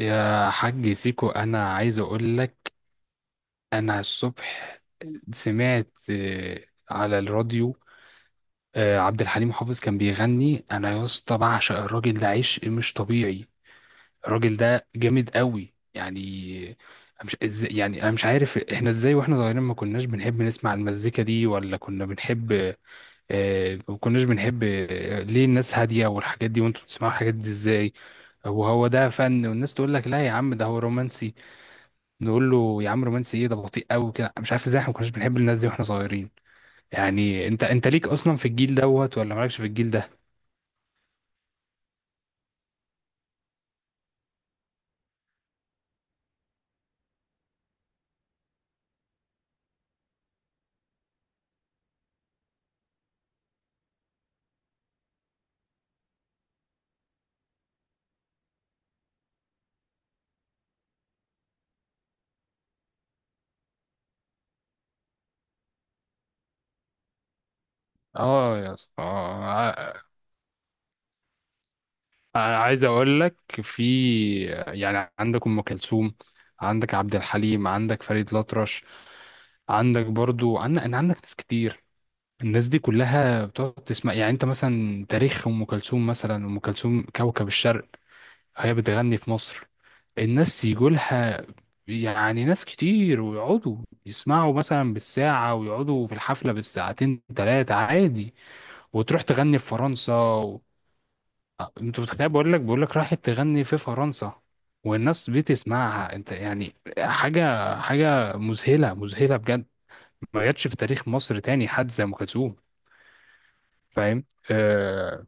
يا حاج سيكو، انا عايز اقول لك. انا الصبح سمعت على الراديو عبد الحليم حافظ كان بيغني، انا يا اسطى بعشق الراجل ده عشق مش طبيعي. الراجل ده جامد قوي يعني. أنا مش ازاي يعني انا مش عارف احنا ازاي واحنا صغيرين ما كناش بنحب نسمع المزيكا دي، ولا كنا بنحب؟ ما كناش بنحب. ليه الناس هادية والحاجات دي وانتوا بتسمعوا الحاجات دي ازاي؟ وهو ده فن، والناس تقول لك لا يا عم ده هو رومانسي. نقول له يا عم رومانسي ايه، ده بطيء قوي كده. مش عارف ازاي احنا ما كناش بنحب الناس دي واحنا صغيرين. يعني انت ليك اصلا في الجيل دوت ولا مالكش في الجيل ده؟ اه يا اسطى. انا عايز اقول لك، في يعني عندك ام كلثوم، عندك عبد الحليم، عندك فريد الأطرش، عندك برضو عندك أنا، عندك ناس كتير. الناس دي كلها بتقعد تسمع. يعني انت مثلا تاريخ ام كلثوم، مثلا ام كلثوم كوكب الشرق، هي بتغني في مصر الناس يجولها، يعني ناس كتير، ويقعدوا يسمعوا مثلا بالساعة، ويقعدوا في الحفلة بالساعتين تلاتة عادي. وتروح تغني في فرنسا و... آه، انت متخيل؟ بقول لك راحت تغني في فرنسا والناس بتسمعها، انت يعني حاجة حاجة مذهلة، مذهلة بجد. ما جاتش في تاريخ مصر تاني حد زي أم كلثوم. فاهم؟ آه.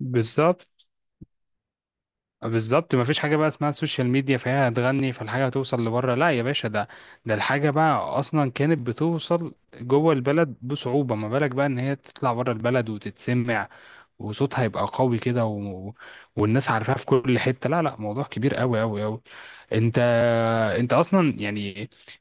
بالظبط، بالظبط. مفيش حاجة بقى اسمها السوشيال ميديا، فهي هتغني فالحاجة هتوصل لبره. لا يا باشا، ده الحاجة بقى أصلا كانت بتوصل جوه البلد بصعوبة، ما بالك بقى إن هي تطلع بره البلد وتتسمع، وصوتها يبقى قوي كده، و... والناس عارفاها في كل حتة. لا لا، موضوع كبير قوي قوي قوي. انت انت اصلا يعني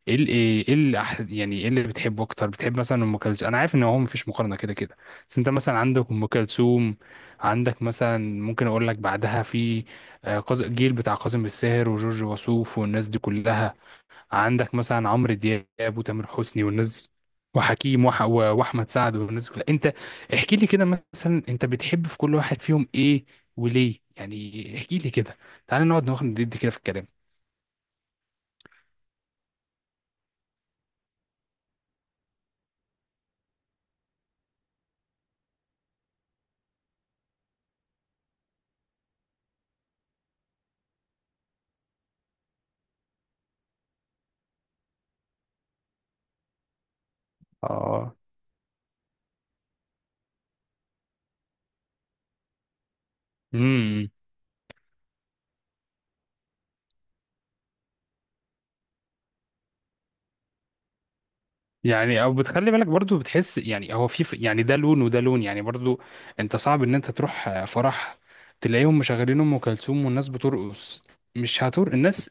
ايه ال... ايه ال... يعني ايه اللي بتحبه اكتر؟ بتحب مثلا ام كلثوم؟ انا عارف ان هو مفيش مقارنة كده كده، بس انت مثلا عندك ام كلثوم، عندك مثلا ممكن اقول لك بعدها في الجيل بتاع كاظم الساهر وجورج وسوف والناس دي كلها، عندك مثلا عمرو دياب وتامر حسني والناس، وحكيم وح... و- واحمد سعد والناس دي كلها. انت احكي لي كده، مثلا انت بتحب في كل واحد فيهم ايه وليه يعني. احكي لي كده، تعال نقعد ناخد ندي كده في الكلام. اه. امم. يعني او بتخلي بالك برضو بتحس يعني هو يعني ده لون وده لون يعني برضو. انت صعب ان انت تروح فرح تلاقيهم مشغلين ام كلثوم والناس بترقص. مش هتر الناس.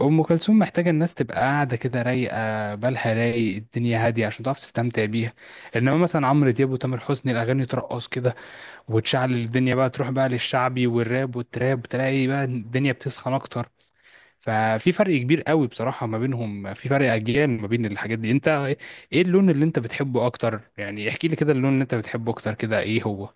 أم كلثوم محتاجة الناس تبقى قاعدة كده، رايقة، بالها رايق، الدنيا هادية، عشان تعرف تستمتع بيها. إنما مثلا عمرو دياب وتامر حسني، الأغاني ترقص كده وتشعل الدنيا. بقى تروح بقى للشعبي والراب والتراب، تلاقي بقى الدنيا بتسخن أكتر. ففي فرق كبير قوي بصراحة ما بينهم، في فرق أجيال ما بين الحاجات دي. أنت إيه اللون اللي أنت بتحبه أكتر؟ يعني احكي لي كده، اللون اللي أنت بتحبه أكتر كده إيه هو؟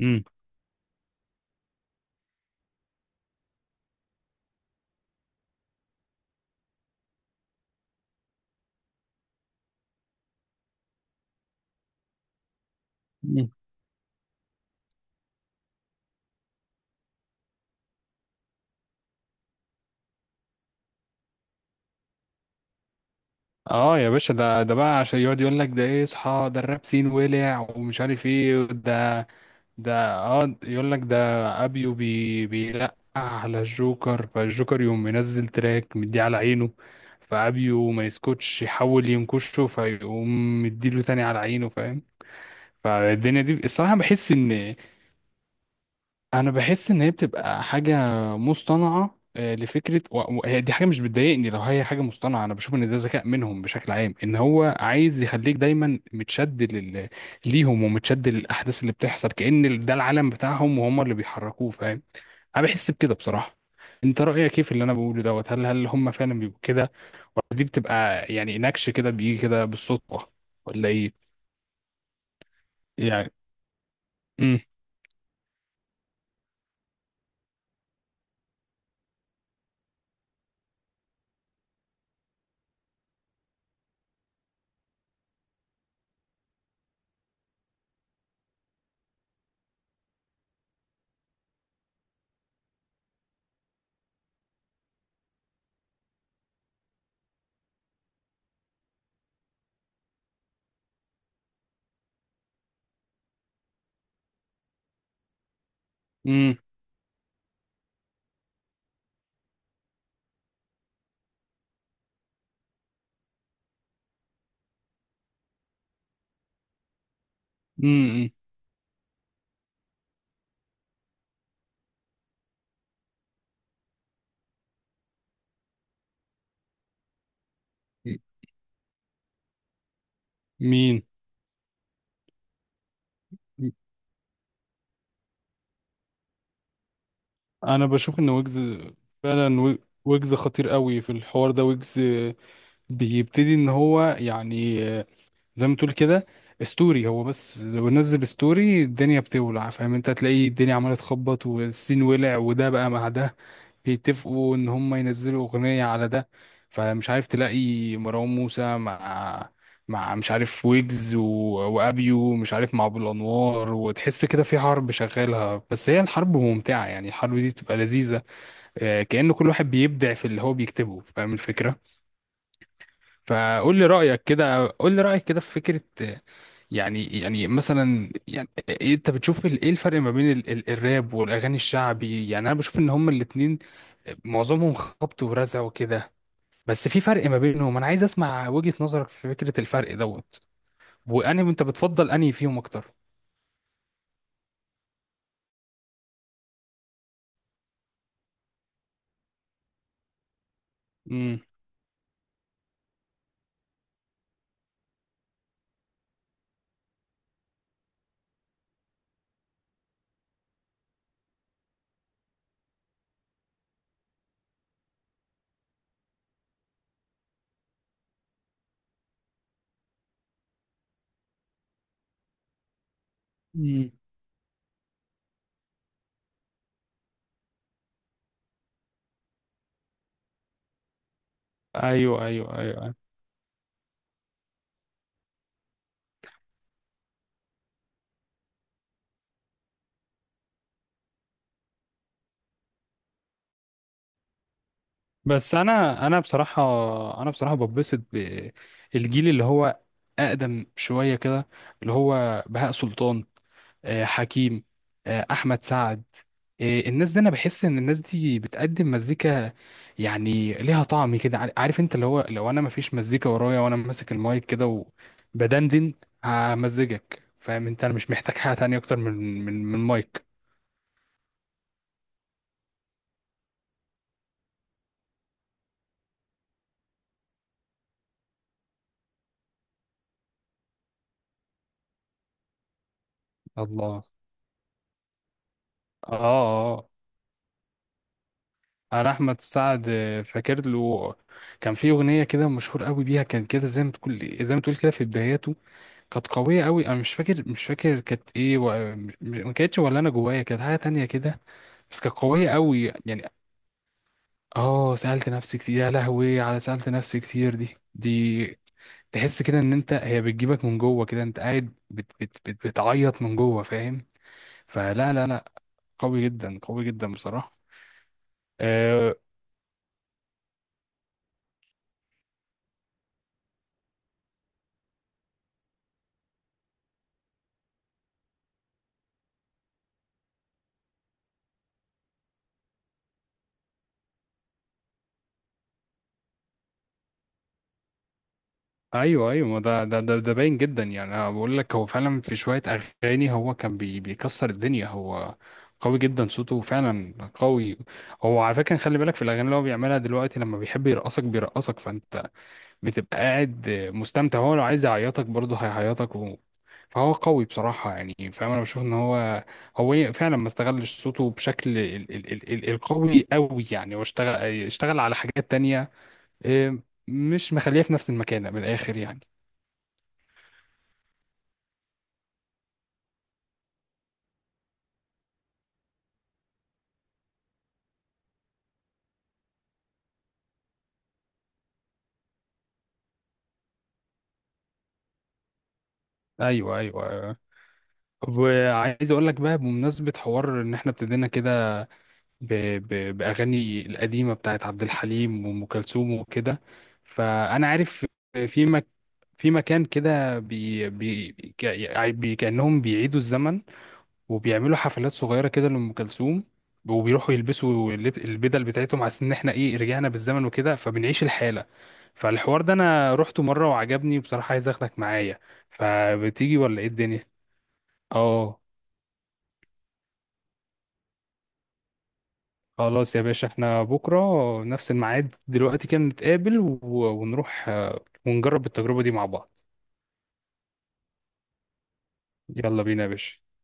امم. مم. اه يا باشا، ده ده بقى عشان يقعد يقول لك ده ايه. اصحى، ده الراب سين ولع ومش عارف ايه. ده ده اه يقول لك ده ابيو بيلقح على الجوكر، فالجوكر يقوم منزل تراك مديه على عينه، فابيو ما يسكتش يحاول ينكشه، فيقوم مديله تاني على عينه. فاهم؟ فالدنيا دي الصراحة بحس ان انا بحس ان هي بتبقى حاجه مصطنعه، لفكره، و- وهي دي حاجه مش بتضايقني. لو هي حاجه مصطنعه، انا بشوف ان ده ذكاء منهم بشكل عام، ان هو عايز يخليك دايما متشد ليهم ومتشد للاحداث اللي بتحصل، كأن ده العالم بتاعهم وهم اللي بيحركوه. فاهم؟ انا بحس بكده بصراحه. انت رايك ايه في اللي انا بقوله دوت؟ هل هم فعلا بيبقوا كده؟ ولا دي بتبقى يعني نكش كده، بيجي كده بالصدفه؟ ولا ايه يعني؟ امم. امم. امم. مين؟ انا بشوف ان ويجز فعلا. ويجز خطير قوي في الحوار ده. ويجز بيبتدي ان هو يعني، زي ما تقول كده، ستوري. هو بس لو نزل ستوري الدنيا بتولع. فاهم؟ انت هتلاقي الدنيا عماله تخبط، والسين ولع، وده بقى مع ده بيتفقوا ان هم ينزلوا اغنية على ده. فمش عارف، تلاقي مروان موسى مع مع مش عارف ويجز وابيو مش عارف مع ابو الانوار. وتحس كده في حرب شغالها، بس هي الحرب ممتعة، يعني الحرب دي بتبقى لذيذة. كأنه كل واحد بيبدع في اللي هو بيكتبه. فاهم الفكرة؟ فقول لي رأيك كده، قول لي رأيك كده في فكرة، يعني مثلا يعني انت بتشوف ايه الفرق ما بين ال ال الراب والاغاني الشعبي؟ يعني انا بشوف ان هما الاتنين معظمهم خبط ورزع وكده، بس في فرق ما بينهم. انا عايز اسمع وجهة نظرك في فكرة الفرق دوت، وانهي انت بتفضل انهي فيهم اكتر. امم. مم. ايوه، ايوه، ايوه، أيوة. بس انا بصراحه، انا بصراحه ببسط بالجيل اللي هو اقدم شويه كده، اللي هو بهاء سلطان، حكيم، احمد سعد، الناس دي. انا بحس ان الناس دي بتقدم مزيكا، يعني ليها طعم كده. عارف انت؟ اللي هو لو انا مفيش مزيكا ورايا وانا ماسك المايك كده وبدندن همزجك. فاهم؟ انت انا مش محتاج حاجه تانية اكتر من مايك. الله. اه. اه. انا احمد سعد، فاكر له كان في اغنيه كده مشهور قوي بيها، كان كده زي ما تقول، كده في بداياته، كانت قوية قوي. انا مش فاكر كانت ايه، ما كانتش، ولا انا جوايا كانت حاجة تانية كده، بس كانت قوية قوي يعني. اه سألت نفسي كتير. يا لهوي على سألت نفسي كتير. دي تحس كده ان انت هي بتجيبك من جوه كده، انت قاعد بتعيط من جوه. فاهم؟ فلا لا لا، قوي جدا، قوي جدا بصراحة. آه، ايوه ايوه. ما ده باين جدا يعني. انا بقول لك هو فعلا في شويه اغاني هو كان بيكسر الدنيا، هو قوي جدا، صوته فعلا قوي. هو على فكره خلي بالك في الاغاني اللي هو بيعملها دلوقتي، لما بيحب يرقصك بيرقصك فانت بتبقى قاعد مستمتع، هو لو عايز يعيطك برضه هيعيطك. و... فهو قوي بصراحه يعني. فاهم؟ انا بشوف ان هو فعلا ما استغلش صوته بشكل القوي قوي يعني، اشتغل على حاجات تانية. إيه، مش مخليه في نفس المكانه من الاخر يعني. ايوه، ايوه، أيوة. وعايز اقول لك بقى بمناسبه حوار ان احنا ابتدينا كده ب... باغاني القديمه بتاعت عبد الحليم وام كلثوم وكده. فانا عارف في مك... في مكان كده، بي... بي... ك... يعني بي... كانهم بيعيدوا الزمن وبيعملوا حفلات صغيره كده لام كلثوم، وبيروحوا يلبسوا البدل بتاعتهم، على ان احنا ايه رجعنا بالزمن وكده، فبنعيش الحاله. فالحوار ده انا رحته مره وعجبني، وبصراحه عايز اخدك معايا، فبتيجي ولا ايه الدنيا؟ اه. خلاص يا باشا، احنا بكرة نفس الميعاد دلوقتي كده نتقابل، و- ونروح ونجرب التجربة دي مع بعض. يلا بينا يا باشا.